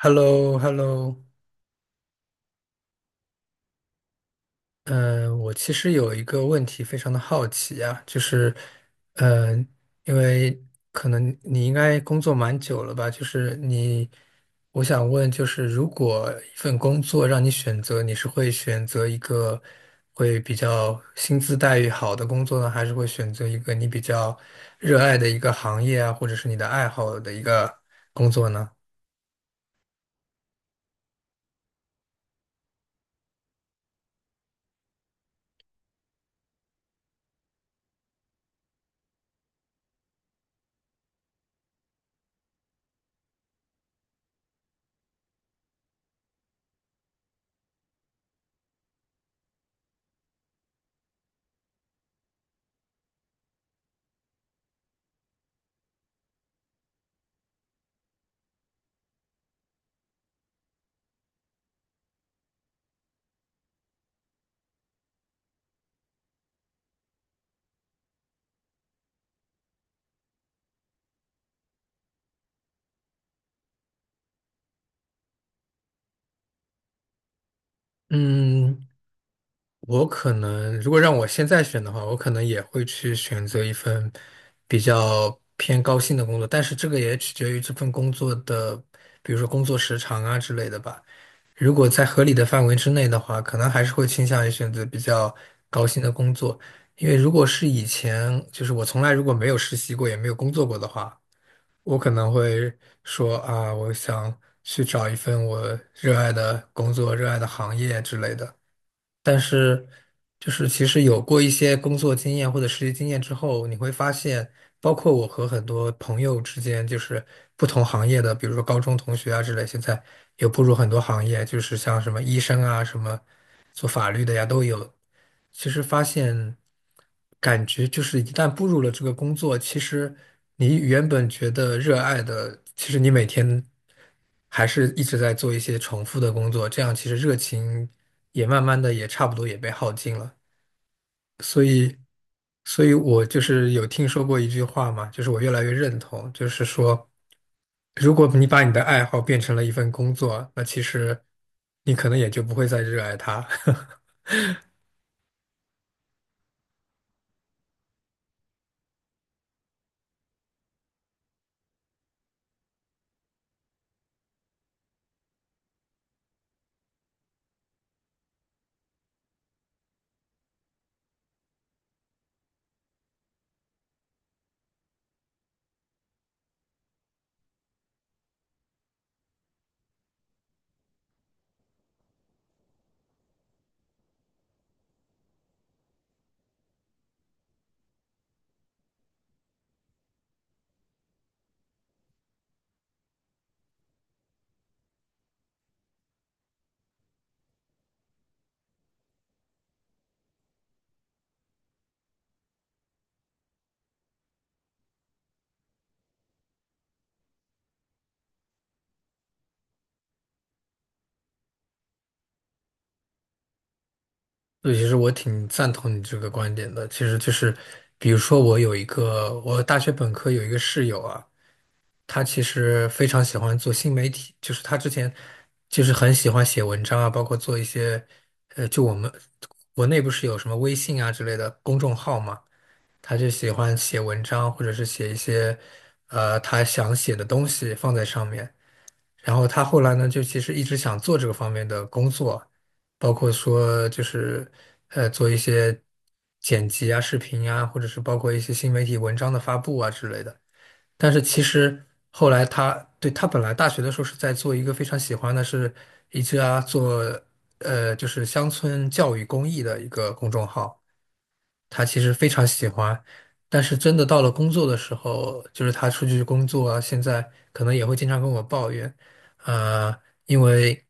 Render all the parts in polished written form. h e l l o h e l l o 我其实有一个问题非常的好奇啊，就是，嗯，因为可能你应该工作蛮久了吧，就是你，我想问，就是如果一份工作让你选择，你是会选择一个会比较薪资待遇好的工作呢，还是会选择一个你比较热爱的一个行业啊，或者是你的爱好的一个工作呢？嗯，我可能如果让我现在选的话，我可能也会去选择一份比较偏高薪的工作，但是这个也取决于这份工作的，比如说工作时长啊之类的吧。如果在合理的范围之内的话，可能还是会倾向于选择比较高薪的工作，因为如果是以前，就是我从来如果没有实习过，也没有工作过的话，我可能会说啊，我想去找一份我热爱的工作、热爱的行业之类的。但是，就是其实有过一些工作经验或者实习经验之后，你会发现，包括我和很多朋友之间，就是不同行业的，比如说高中同学啊之类，现在有步入很多行业，就是像什么医生啊，什么做法律的呀都有。其实发现，感觉就是一旦步入了这个工作，其实你原本觉得热爱的，其实你每天。还是一直在做一些重复的工作，这样其实热情也慢慢的也差不多也被耗尽了。所以我就是有听说过一句话嘛，就是我越来越认同，就是说，如果你把你的爱好变成了一份工作，那其实你可能也就不会再热爱它。所以，其实我挺赞同你这个观点的。其实就是，比如说我有一个，我大学本科有一个室友啊。他其实非常喜欢做新媒体，就是他之前就是很喜欢写文章啊，包括做一些，就我们国内不是有什么微信啊之类的公众号嘛，他就喜欢写文章或者是写一些，他想写的东西放在上面。然后他后来呢，就其实一直想做这个方面的工作，包括说就是做一些剪辑啊、视频啊，或者是包括一些新媒体文章的发布啊之类的。但是其实后来他对他本来大学的时候是在做一个非常喜欢的是一家做就是乡村教育公益的一个公众号，他其实非常喜欢，但是真的到了工作的时候，就是他出去工作啊，现在可能也会经常跟我抱怨，呃，因为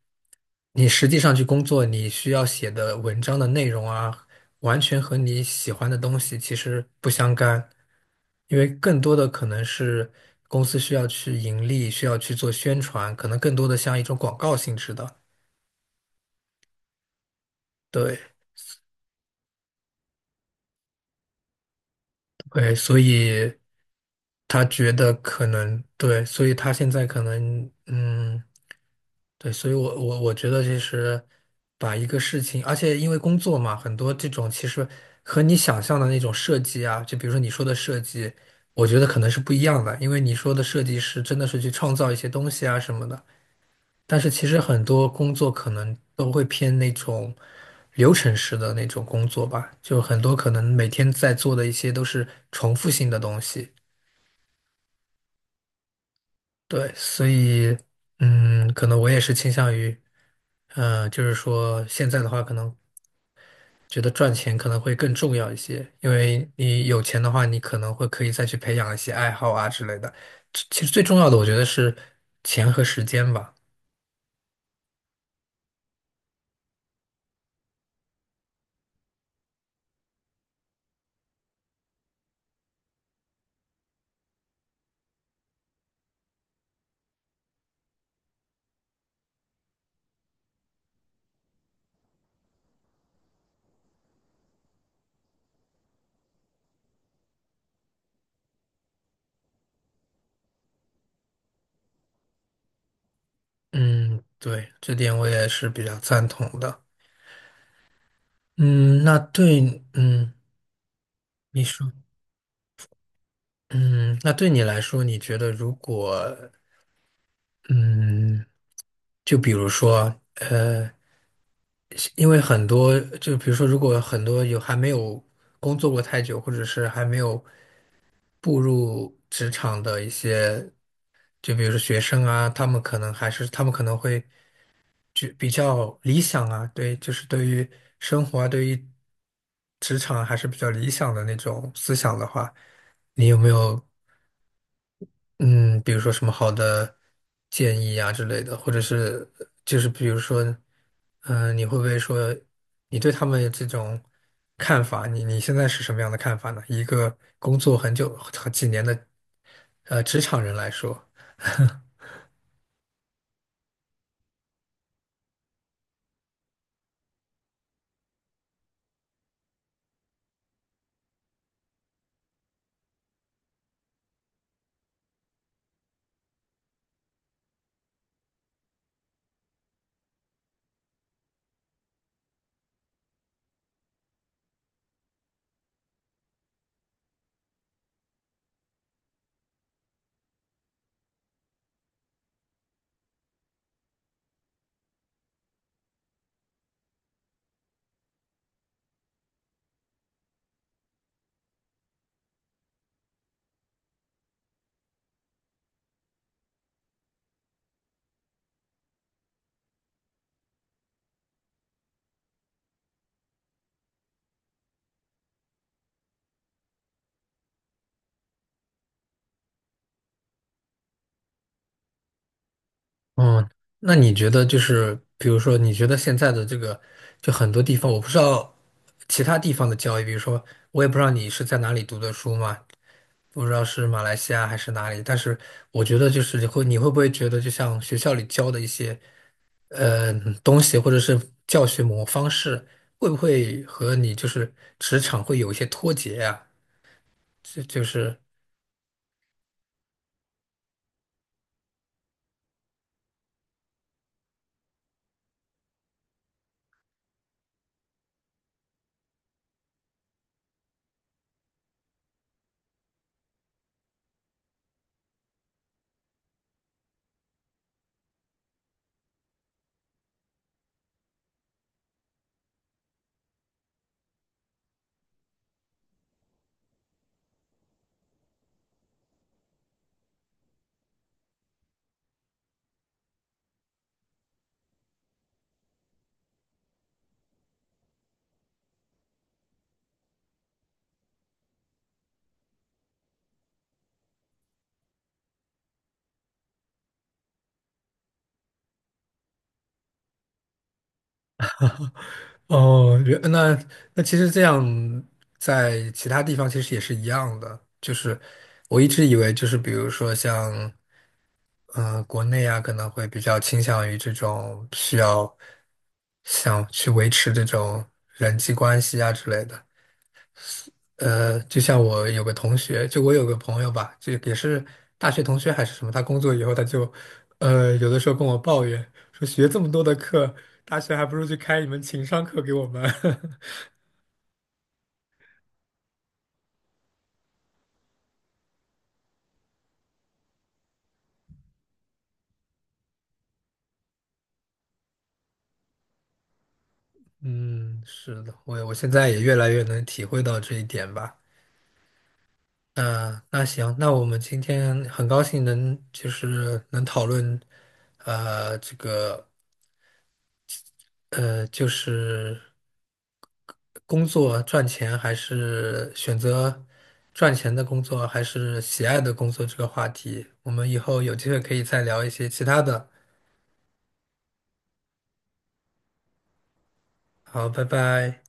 你实际上去工作，你需要写的文章的内容啊，完全和你喜欢的东西其实不相干，因为更多的可能是公司需要去盈利，需要去做宣传，可能更多的像一种广告性质的，对。对，所以他觉得可能对，所以他现在可能嗯，对，所以我觉得其实把一个事情，而且因为工作嘛，很多这种其实和你想象的那种设计啊，就比如说你说的设计，我觉得可能是不一样的，因为你说的设计师真的是去创造一些东西啊什么的，但是其实很多工作可能都会偏那种流程式的那种工作吧，就很多可能每天在做的一些都是重复性的东西。对，所以嗯，可能我也是倾向于，就是说现在的话，可能觉得赚钱可能会更重要一些，因为你有钱的话，你可能会可以再去培养一些爱好啊之类的。其实最重要的，我觉得是钱和时间吧。嗯，对，这点我也是比较赞同的。嗯，那对，嗯，你说，嗯，那对你来说，你觉得如果，嗯，就比如说，因为很多，就比如说，如果很多有还没有工作过太久，或者是还没有步入职场的一些，就比如说学生啊，他们可能还是，他们可能会。就比较理想啊，对，就是对于生活啊，对于职场还是比较理想的那种思想的话，你有没有嗯，比如说什么好的建议啊之类的，或者是就是比如说，嗯、你会不会说你对他们这种看法，你现在是什么样的看法呢？一个工作很久很几年的职场人来说，嗯，那你觉得就是，比如说，你觉得现在的这个，就很多地方，我不知道其他地方的教育，比如说，我也不知道你是在哪里读的书嘛，不知道是马来西亚还是哪里，但是我觉得就是你会不会觉得，就像学校里教的一些呃东西，或者是教学模方式，会不会和你就是职场会有一些脱节呀？就就是。哦，原那那其实这样，在其他地方其实也是一样的。就是我一直以为，就是比如说像嗯、国内啊，可能会比较倾向于这种需要想去维持这种人际关系啊之类的。就像我有个同学，就我有个朋友吧，就也是大学同学还是什么，他工作以后他就有的时候跟我抱怨说，学这么多的课，大学还不如去开一门情商课给我们。嗯，是的，我现在也越来越能体会到这一点吧。那那行，那我们今天很高兴能就是能讨论，这个就是工作赚钱还是选择赚钱的工作还是喜爱的工作这个话题，我们以后有机会可以再聊一些其他的。好，拜拜。